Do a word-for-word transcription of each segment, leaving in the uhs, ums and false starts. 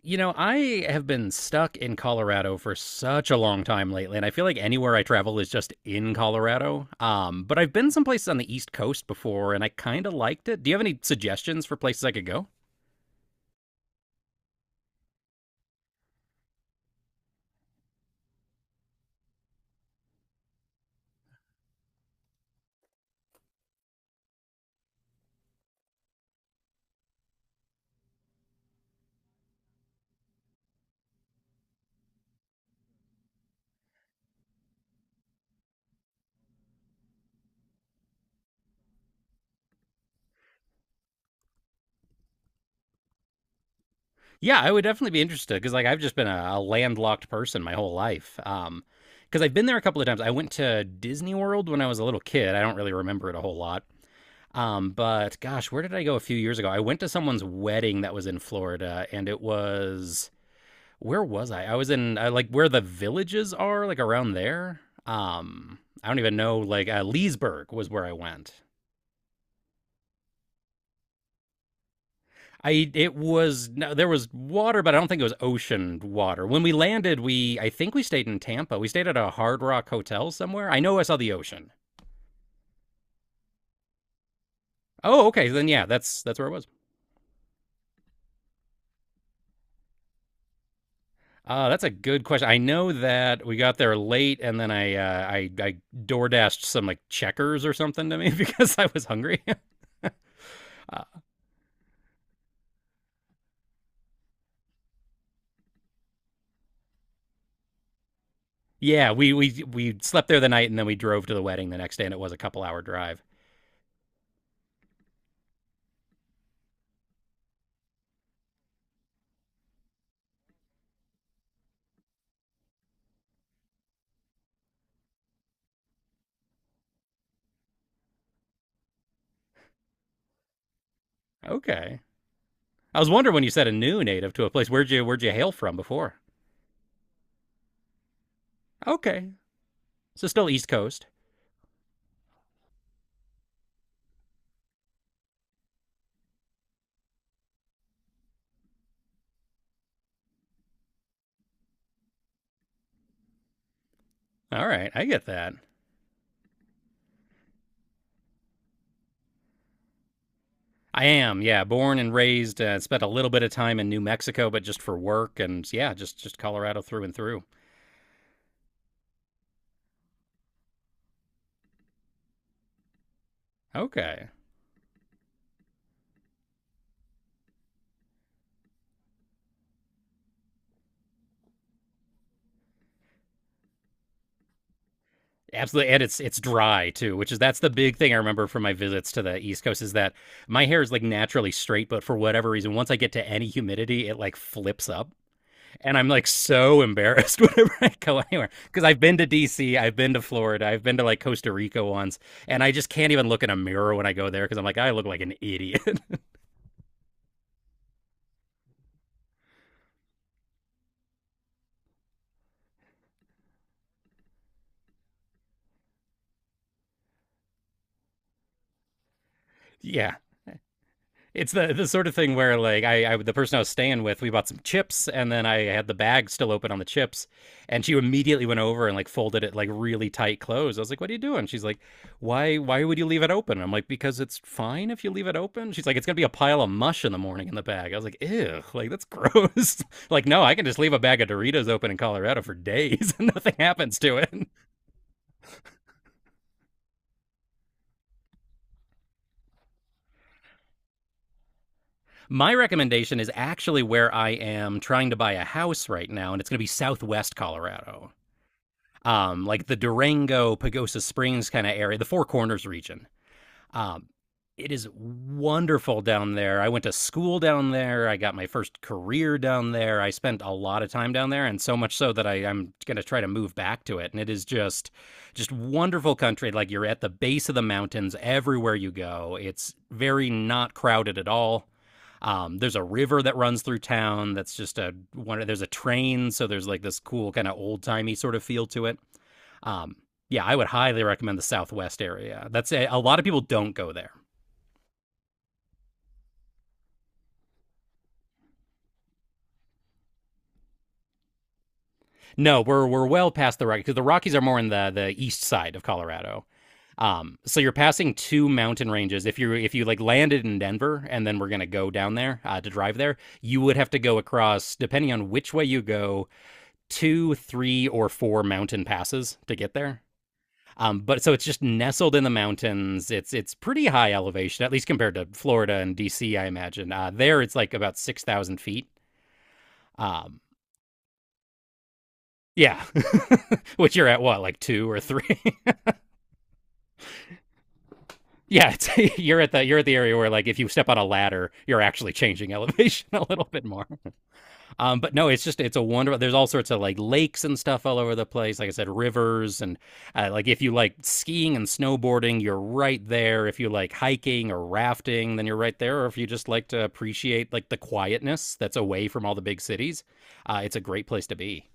You know, I have been stuck in Colorado for such a long time lately, and I feel like anywhere I travel is just in Colorado. Um, but I've been some places on the East Coast before, and I kind of liked it. Do you have any suggestions for places I could go? Yeah, I would definitely be interested because, like, I've just been a, a landlocked person my whole life. Um, because I've been there a couple of times. I went to Disney World when I was a little kid. I don't really remember it a whole lot. Um, but gosh, where did I go a few years ago? I went to someone's wedding that was in Florida, and it was, where was I? I was in uh, like where the villages are, like around there. Um, I don't even know. Like uh, Leesburg was where I went. I it was, no, there was water, but I don't think it was ocean water. When we landed, we I think we stayed in Tampa. We stayed at a Hard Rock hotel somewhere. I know I saw the ocean. Oh, okay, then yeah, that's that's where it was. Uh, that's a good question. I know that we got there late, and then I uh, I I door dashed some, like, checkers or something to me because I was hungry. Uh, Yeah, we we we slept there the night and then we drove to the wedding the next day, and it was a couple hour drive. Okay, I was wondering when you said a new native to a place. Where'd you where'd you hail from before? Okay, so still East Coast. All right, I get that. I am, yeah, born and raised. Uh, spent a little bit of time in New Mexico, but just for work, and yeah, just just Colorado through and through. Okay, absolutely, and it's it's dry too, which is, that's the big thing I remember from my visits to the East Coast, is that my hair is, like, naturally straight, but for whatever reason, once I get to any humidity, it, like, flips up. And I'm like so embarrassed whenever I go anywhere because I've been to D C, I've been to Florida, I've been to, like, Costa Rica once, and I just can't even look in a mirror when I go there because I'm like, I look like an idiot. Yeah. It's the the sort of thing where, like, I, I the person I was staying with, we bought some chips and then I had the bag still open on the chips, and she immediately went over and like folded it, like, really tight closed. I was like, "What are you doing?" She's like, "Why why would you leave it open?" I'm like, "Because it's fine if you leave it open." She's like, "It's going to be a pile of mush in the morning in the bag." I was like, "Ew, like, that's gross." Like, "No, I can just leave a bag of Doritos open in Colorado for days and nothing happens to it." My recommendation is actually where I am trying to buy a house right now, and it's going to be Southwest Colorado. Um, like the Durango, Pagosa Springs kind of area, the Four Corners region. Um, it is wonderful down there. I went to school down there. I got my first career down there. I spent a lot of time down there, and so much so that I, I'm going to try to move back to it. And it is just, just wonderful country. Like, you're at the base of the mountains everywhere you go. It's very not crowded at all. Um, there's a river that runs through town. That's just a one. There's a train, so there's like this cool kind of old timey sort of feel to it. Um, yeah, I would highly recommend the Southwest area. That's a, a lot of people don't go there. No, we're we're well past the Rockies because the Rockies are more in the the east side of Colorado. Um, so you're passing two mountain ranges. If you if you like landed in Denver and then we're gonna go down there uh, to drive there, you would have to go across, depending on which way you go, two, three, or four mountain passes to get there. Um, but so it's just nestled in the mountains. It's it's pretty high elevation, at least compared to Florida and D C, I imagine. Uh, there it's like about six thousand feet. Um, yeah, which you're at what, like two or three? Yeah, it's, you're at the you're at the area where like if you step on a ladder, you're actually changing elevation a little bit more. Um, but no, it's just, it's a wonderful. There's all sorts of like lakes and stuff all over the place. Like I said, rivers and uh, like if you like skiing and snowboarding, you're right there. If you like hiking or rafting, then you're right there. Or if you just like to appreciate like the quietness that's away from all the big cities, uh, it's a great place to be.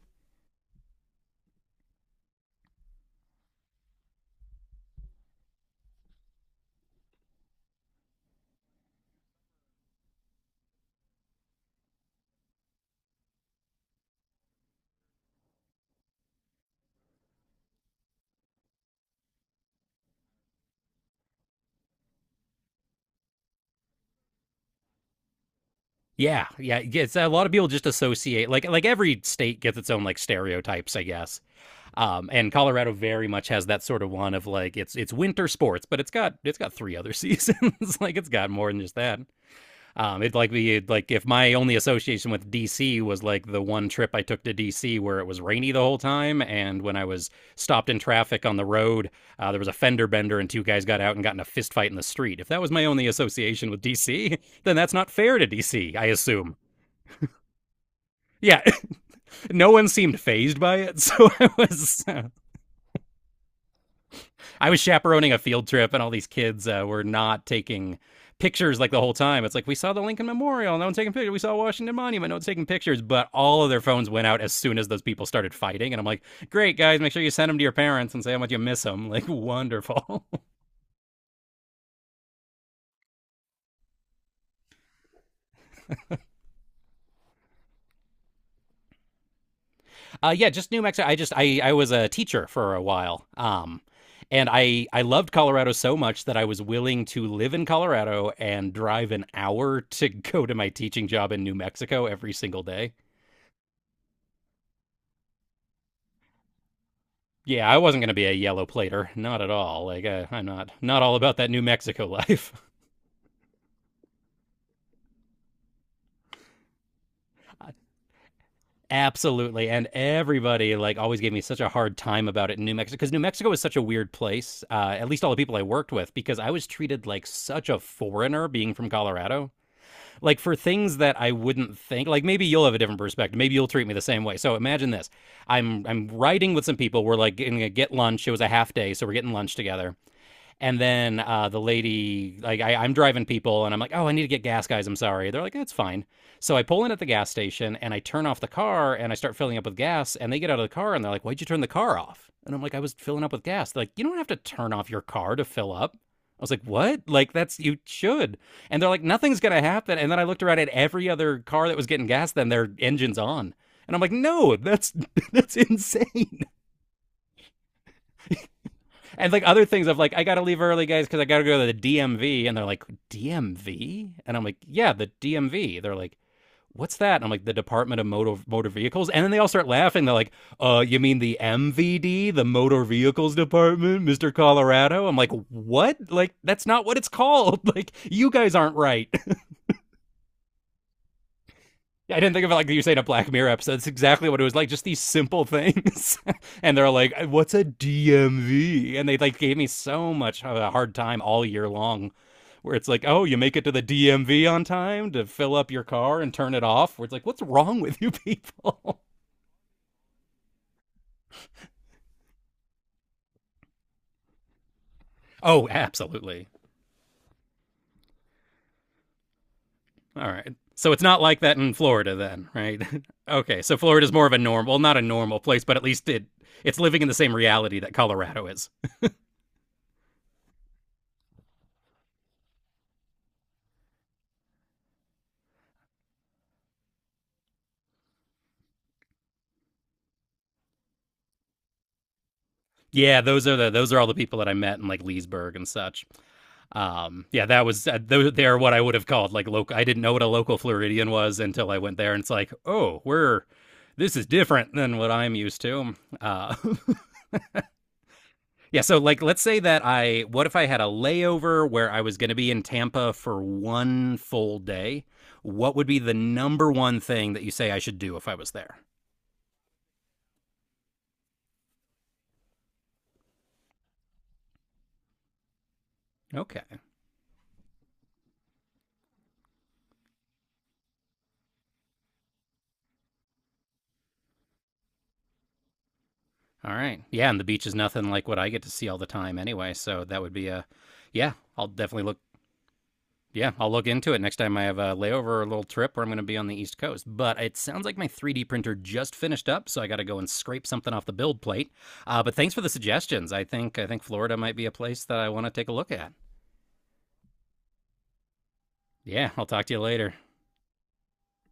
Yeah, yeah, yeah, it's, a lot of people just associate like like every state gets its own like stereotypes, I guess. Um, and Colorado very much has that sort of one of like it's it's winter sports, but it's got it's got three other seasons. Like, it's got more than just that. Um, it'd like be like if my only association with D C was like the one trip I took to D C where it was rainy the whole time, and when I was stopped in traffic on the road, uh, there was a fender bender and two guys got out and got in a fist fight in the street. If that was my only association with D C, then that's not fair to D C, I assume. Yeah, no one seemed phased by it. So I was uh, I was chaperoning a field trip, and all these kids uh, were not taking pictures like the whole time. It's like, we saw the Lincoln Memorial, no one taking pictures. We saw Washington Monument, no one's taking pictures. But all of their phones went out as soon as those people started fighting, and I'm like, great guys, make sure you send them to your parents and say how much you miss them. Like, wonderful. Uh, yeah, just New Mexico. I just I I was a teacher for a while. Um, and I I loved Colorado so much that I was willing to live in Colorado and drive an hour to go to my teaching job in New Mexico every single day. Yeah, I wasn't going to be a yellow plater, not at all. Like uh, I'm not not all about that New Mexico life. Absolutely. And everybody like always gave me such a hard time about it in New Mexico because New Mexico is such a weird place. Uh, at least all the people I worked with because I was treated like such a foreigner being from Colorado. Like, for things that I wouldn't think. Like, maybe you'll have a different perspective. Maybe you'll treat me the same way. So imagine this: I'm I'm riding with some people. We're like gonna get lunch. It was a half day, so we're getting lunch together, and then uh, the lady, like, I, I'm driving people and I'm like, oh, I need to get gas, guys. I'm sorry. They're like, that's fine. So I pull in at the gas station and I turn off the car and I start filling up with gas. And they get out of the car and they're like, why'd you turn the car off? And I'm like, I was filling up with gas. They're like, you don't have to turn off your car to fill up. I was like, what? Like, that's, you should. And they're like, nothing's going to happen. And then I looked around at every other car that was getting gas, then their engine's on. And I'm like, no, that's that's insane. And like other things of like, I gotta leave early, guys, because I gotta go to the D M V. And they're like, D M V? And I'm like, yeah, the D M V. They're like, what's that? And I'm like, the Department of Motor Motor Vehicles. And then they all start laughing. They're like, uh, you mean the M V D, the Motor Vehicles Department, mister Colorado? I'm like, what? Like, that's not what it's called. Like, you guys aren't right. Yeah, I didn't think of it like you say, in a Black Mirror episode. It's exactly what it was like. Just these simple things, and they're like, "What's a D M V?" And they like gave me so much of a hard time all year long, where it's like, "Oh, you make it to the D M V on time to fill up your car and turn it off." Where it's like, "What's wrong with you people?" Oh, absolutely. All right. So it's not like that in Florida, then, right? Okay, so Florida's more of a normal, well, not a normal place, but at least it it's living in the same reality that Colorado is. Yeah, those are the, those are all the people that I met in like Leesburg and such. Um, yeah, that was uh, those, they are what I would have called like local. I didn't know what a local Floridian was until I went there, and it's like, oh, we're this is different than what I'm used to. Uh, yeah, so like let's say that I what if I had a layover where I was going to be in Tampa for one full day? What would be the number one thing that you say I should do if I was there? Okay. All right. Yeah, and the beach is nothing like what I get to see all the time anyway. So that would be a, yeah, I'll definitely look. Yeah, I'll look into it next time I have a layover or a little trip where I'm going to be on the East Coast. But it sounds like my three D printer just finished up, so I got to go and scrape something off the build plate. Uh, but thanks for the suggestions. I think I think Florida might be a place that I want to take a look at. Yeah, I'll talk to you later.